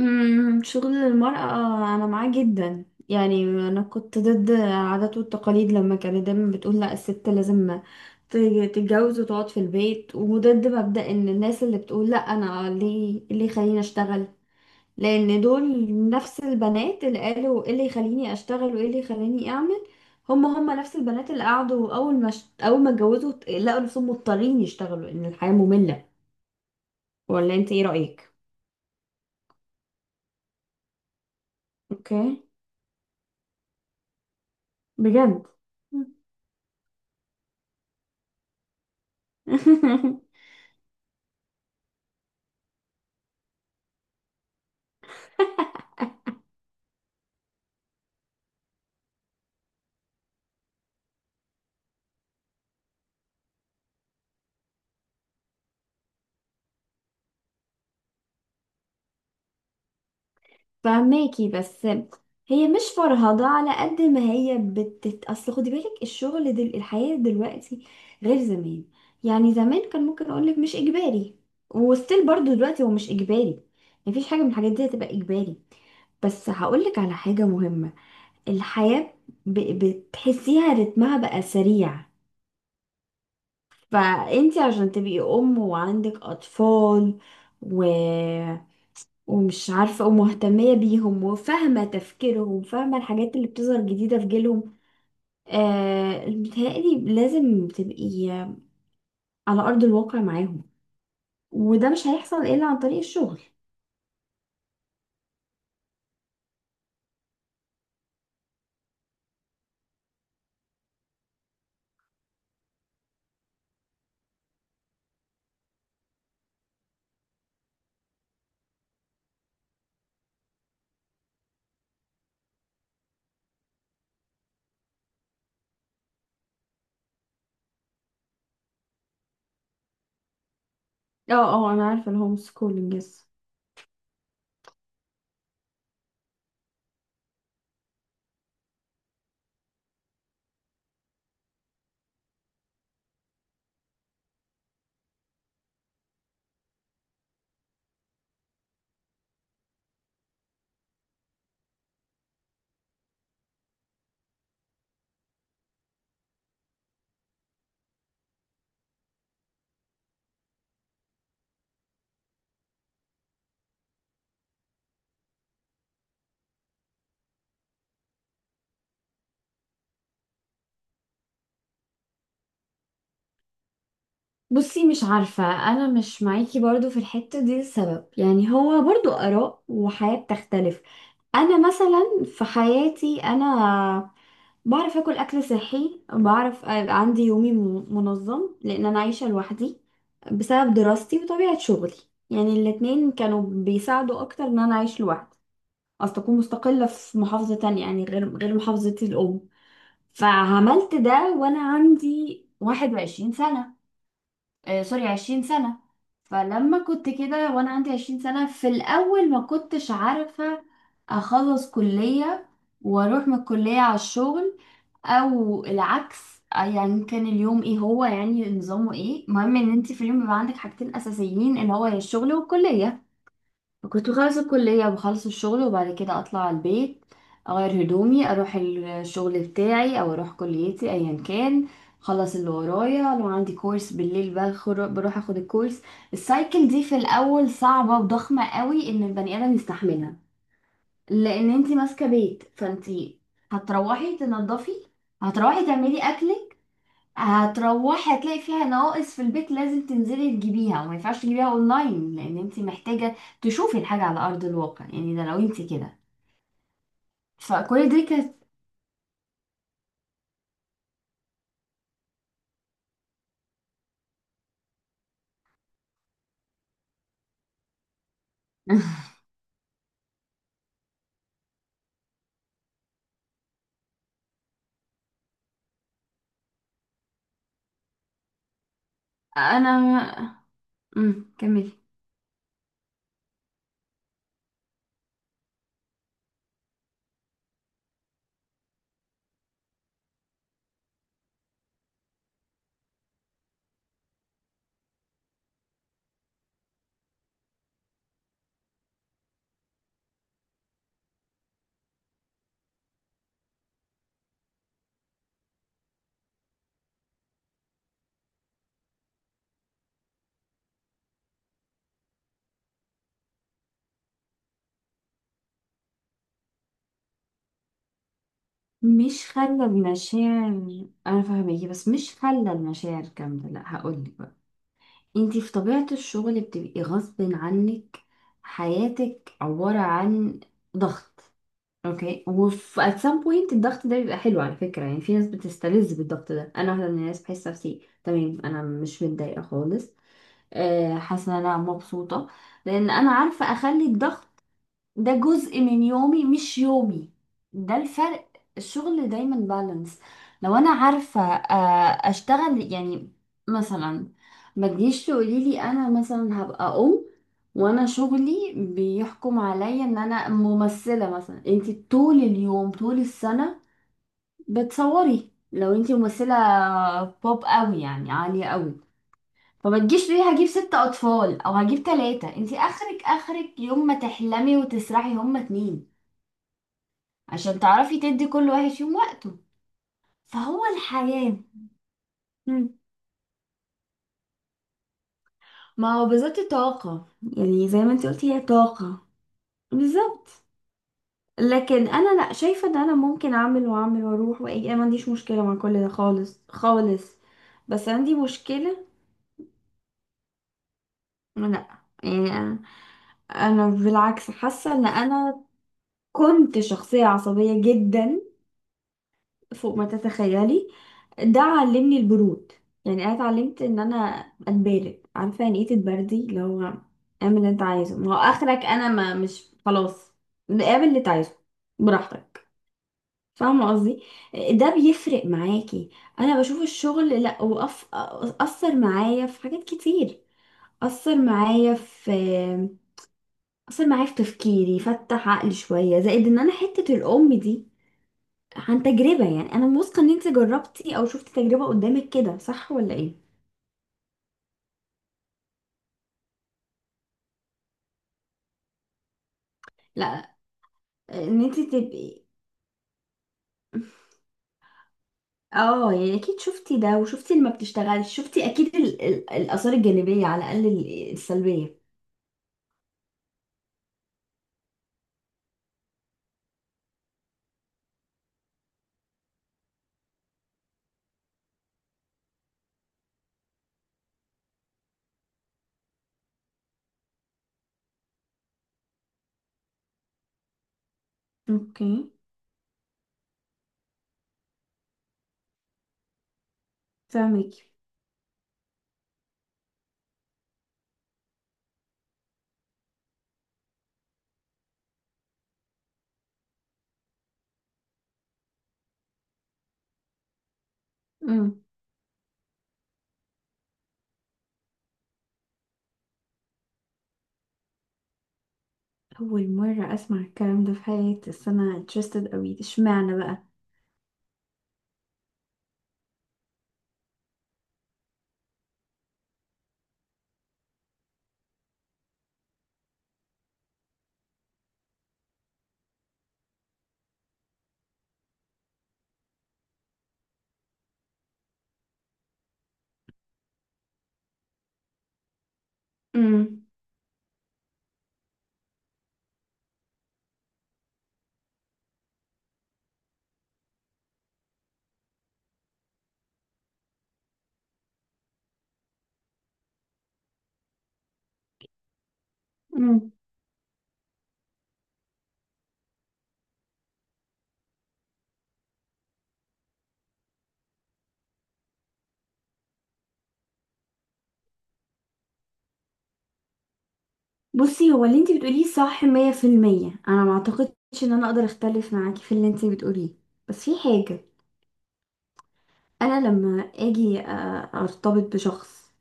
شغل المرأة أنا معاه جدا. يعني أنا كنت ضد العادات والتقاليد لما كانت دايما بتقول لا الست لازم ت- تتجوز وتقعد في البيت، وضد مبدأ إن الناس اللي بتقول لا أنا ليه اللي يخليني أشتغل، لأن دول نفس البنات اللي قالوا إيه اللي يخليني أشتغل وإيه اللي يخليني أعمل. هما نفس البنات اللي قعدوا أول ما أول ما اتجوزوا لقوا نفسهم مضطرين يشتغلوا، إن الحياة مملة. ولا أنت إيه رأيك؟ أوكي. بجد. فهماكي، بس هي مش فرهضة على قد ما هي اصل خدي بالك الشغل الحياة دلوقتي غير زمان. يعني زمان كان ممكن اقولك مش اجباري، وستيل برضو دلوقتي هو مش اجباري، مفيش حاجة من الحاجات دي هتبقى اجباري. بس هقولك على حاجة مهمة، الحياة ب... بتحسيها رتمها بقى سريع. فانتي عشان تبقي ام وعندك اطفال و... ومش عارفة، ومهتمية بيهم وفاهمة تفكيرهم، فاهمة الحاجات اللي بتظهر جديدة في جيلهم، آه متهيألي لازم تبقي على أرض الواقع معاهم. وده مش هيحصل إلا عن طريق الشغل. اه اه، أنا عارفة الهوم سكولينج، يس. بصي مش عارفة، أنا مش معاكي برضو في الحتة دي. السبب يعني هو برضو آراء وحياة بتختلف. انا مثلا في حياتي، انا بعرف اكل اكل صحي، بعرف أبقى عندي يومي منظم، لان انا عايشه لوحدي بسبب دراستي وطبيعه شغلي. يعني الاتنين كانوا بيساعدوا اكتر ان انا اعيش لوحدي، اصل اكون مستقله في محافظه تانية، يعني غير محافظتي الام. فعملت ده وانا عندي 21 سنه. آه سوري، 20 سنه. فلما كنت كده وانا عندي 20 سنه، في الاول ما كنتش عارفه اخلص كليه واروح من الكليه على الشغل او العكس. يعني كان اليوم ايه، هو يعني نظامه ايه، المهم ان انت في اليوم بيبقى عندك حاجتين اساسيين، اللي هو يا الشغل والكليه. كنت بخلص الكليه، بخلص الشغل، وبعد كده اطلع على البيت، اغير هدومي، اروح الشغل بتاعي او اروح كليتي ايا كان. خلص اللي ورايا، لو عندي كورس بالليل بروح اخد الكورس. السايكل دي في الاول صعبه وضخمه قوي ان البني ادم يستحملها. لان انت ماسكه بيت، فانت هتروحي تنظفي، هتروحي تعملي اكلك، هتروحي هتلاقي فيها نواقص في البيت لازم تنزلي تجيبيها، وما ينفعش تجيبيها اونلاين لان انت محتاجه تشوفي الحاجه على ارض الواقع. يعني ده لو انت كده. فكل دي كانت... انا... كملي. مش خلى المشاعر، انا فاهمك، بس مش خلى المشاعر كامله، لا هقول لك، انتي في طبيعة الشغل بتبقي غصب عنك حياتك عبارة عن ضغط. اوكي. وفي at some point الضغط ده بيبقى حلو على فكرة، يعني في ناس بتستلذ بالضغط ده، انا واحدة من الناس، بحس نفسي تمام، انا مش متضايقة خالص. حاسة ان انا مبسوطة، لان انا عارفة اخلي الضغط ده جزء من يومي مش يومي. ده الفرق. الشغل دايما بالانس. لو انا عارفة اشتغل، يعني مثلا ما تجيش تقولي لي انا مثلا هبقى ام وانا شغلي بيحكم عليا ان انا ممثلة مثلا، انت طول اليوم طول السنة بتصوري. لو انت ممثلة بوب قوي يعني عالية قوي، فما تجيش تقولي هجيب ست اطفال او هجيب تلاتة. انت اخرك، اخرك يوم ما تحلمي وتسرحي هما اتنين، عشان تعرفي تدي كل واحد فيهم وقته. فهو الحياة. مم. ما هو بالظبط طاقة. يعني زي ما انت قلتي، هي طاقة. بالظبط. لكن انا لا، شايفة ان انا ممكن اعمل واعمل واروح واجي، انا ما عنديش مشكلة مع كل ده خالص خالص. بس عندي مشكلة. لا. يعني أنا بالعكس حاسة ان انا كنت شخصية عصبية جدا، فوق ما تتخيلي. ده علمني البرود. يعني انا اتعلمت ان انا اتبارد. عارفه يعني ايه تتبردي؟ اللي هو اعمل اللي انت عايزه، ما هو اخرك انا، ما مش خلاص. اعمل اللي انت عايزه، براحتك. فاهمه قصدي؟ ده بيفرق معاكي. انا بشوف الشغل، لا اثر معايا في حاجات كتير. اثر معايا في اثر معايا في تفكيري، فتح عقلي شويه، زائد ان انا حته الام دي، عن تجربة. يعني انا واثقة ان انت جربتي او شفتي تجربة قدامك كده، صح ولا ايه؟ لا، ان انت تبقي، اه يعني اكيد شفتي ده وشفتي اللي ما بتشتغلش، شفتي اكيد الاثار الجانبية على الاقل السلبية. اوكي. فاهمك. امم اول مرة اسمع الكلام ده في حياتي، بس انا interested قوي. ده اشمعنى بقى؟ امم امم بصي هو اللي انت بتقوليه صح 100%. انا ما اعتقدش ان انا اقدر اختلف معاكي في اللي انت بتقوليه، بس في حاجة. انا لما اجي ارتبط بشخص،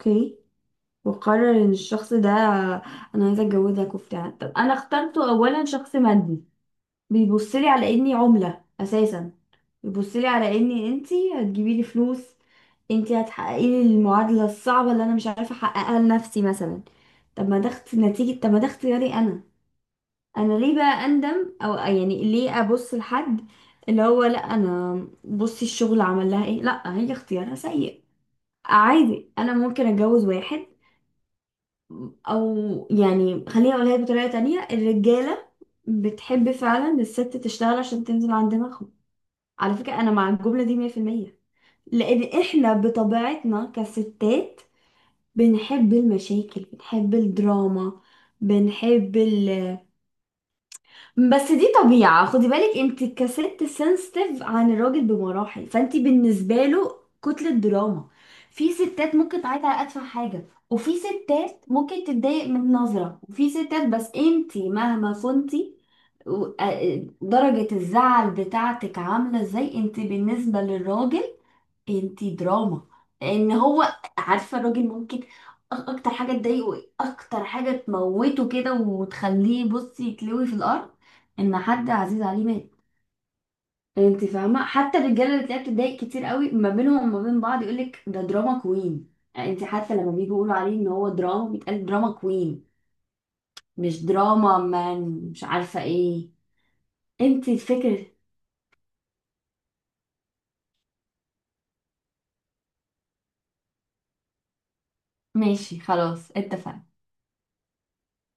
اوكي، وقرر ان الشخص ده، انا عايزه اتجوزك وبتاع، طب انا اخترته اولا شخص مادي، بيبص لي على اني عمله اساسا، بيبص لي على اني انتي هتجيبي لي فلوس، انتي هتحققي لي المعادله الصعبه اللي انا مش عارفه احققها لنفسي مثلا. طب ما ده نتيجه، طب ما ده اختياري انا. انا ليه بقى اندم او، يعني ليه ابص لحد اللي هو، لا انا، بصي الشغل عمل لها ايه، لا هي اختيارها سيء عادي. انا ممكن اتجوز واحد، او يعني خليني اقولها لك بطريقه تانية، الرجاله بتحب فعلا الست تشتغل عشان تنزل عند دماغهم. على فكره انا مع الجمله دي 100%. لان احنا بطبيعتنا كستات بنحب المشاكل، بنحب الدراما، بنحب ال... بس دي طبيعة، خدي بالك انت كست سنسيتيف عن الراجل بمراحل، فانت بالنسبة له كتلة دراما. في ستات ممكن تعيط على أتفه حاجة، وفي ستات ممكن تتضايق من نظرة، وفي ستات، بس انت مهما كنتي درجة الزعل بتاعتك عاملة ازاي، انت بالنسبة للراجل انتي دراما. لان هو عارفه. الراجل ممكن اكتر حاجه تضايقه ايه؟ اكتر حاجه تموته كده وتخليه بصي يتلوي في الارض، ان حد عزيز عليه مات. انت فاهمه؟ حتى الرجاله اللي تلاقيها بتتضايق كتير قوي ما بينهم وما بين بعض يقولك ده دراما كوين. انت حتى لما بيجوا يقولوا عليه ان هو دراما بيتقال دراما كوين، مش دراما مان. مش عارفه ايه. انت الفكره. ماشي خلاص اتفقنا.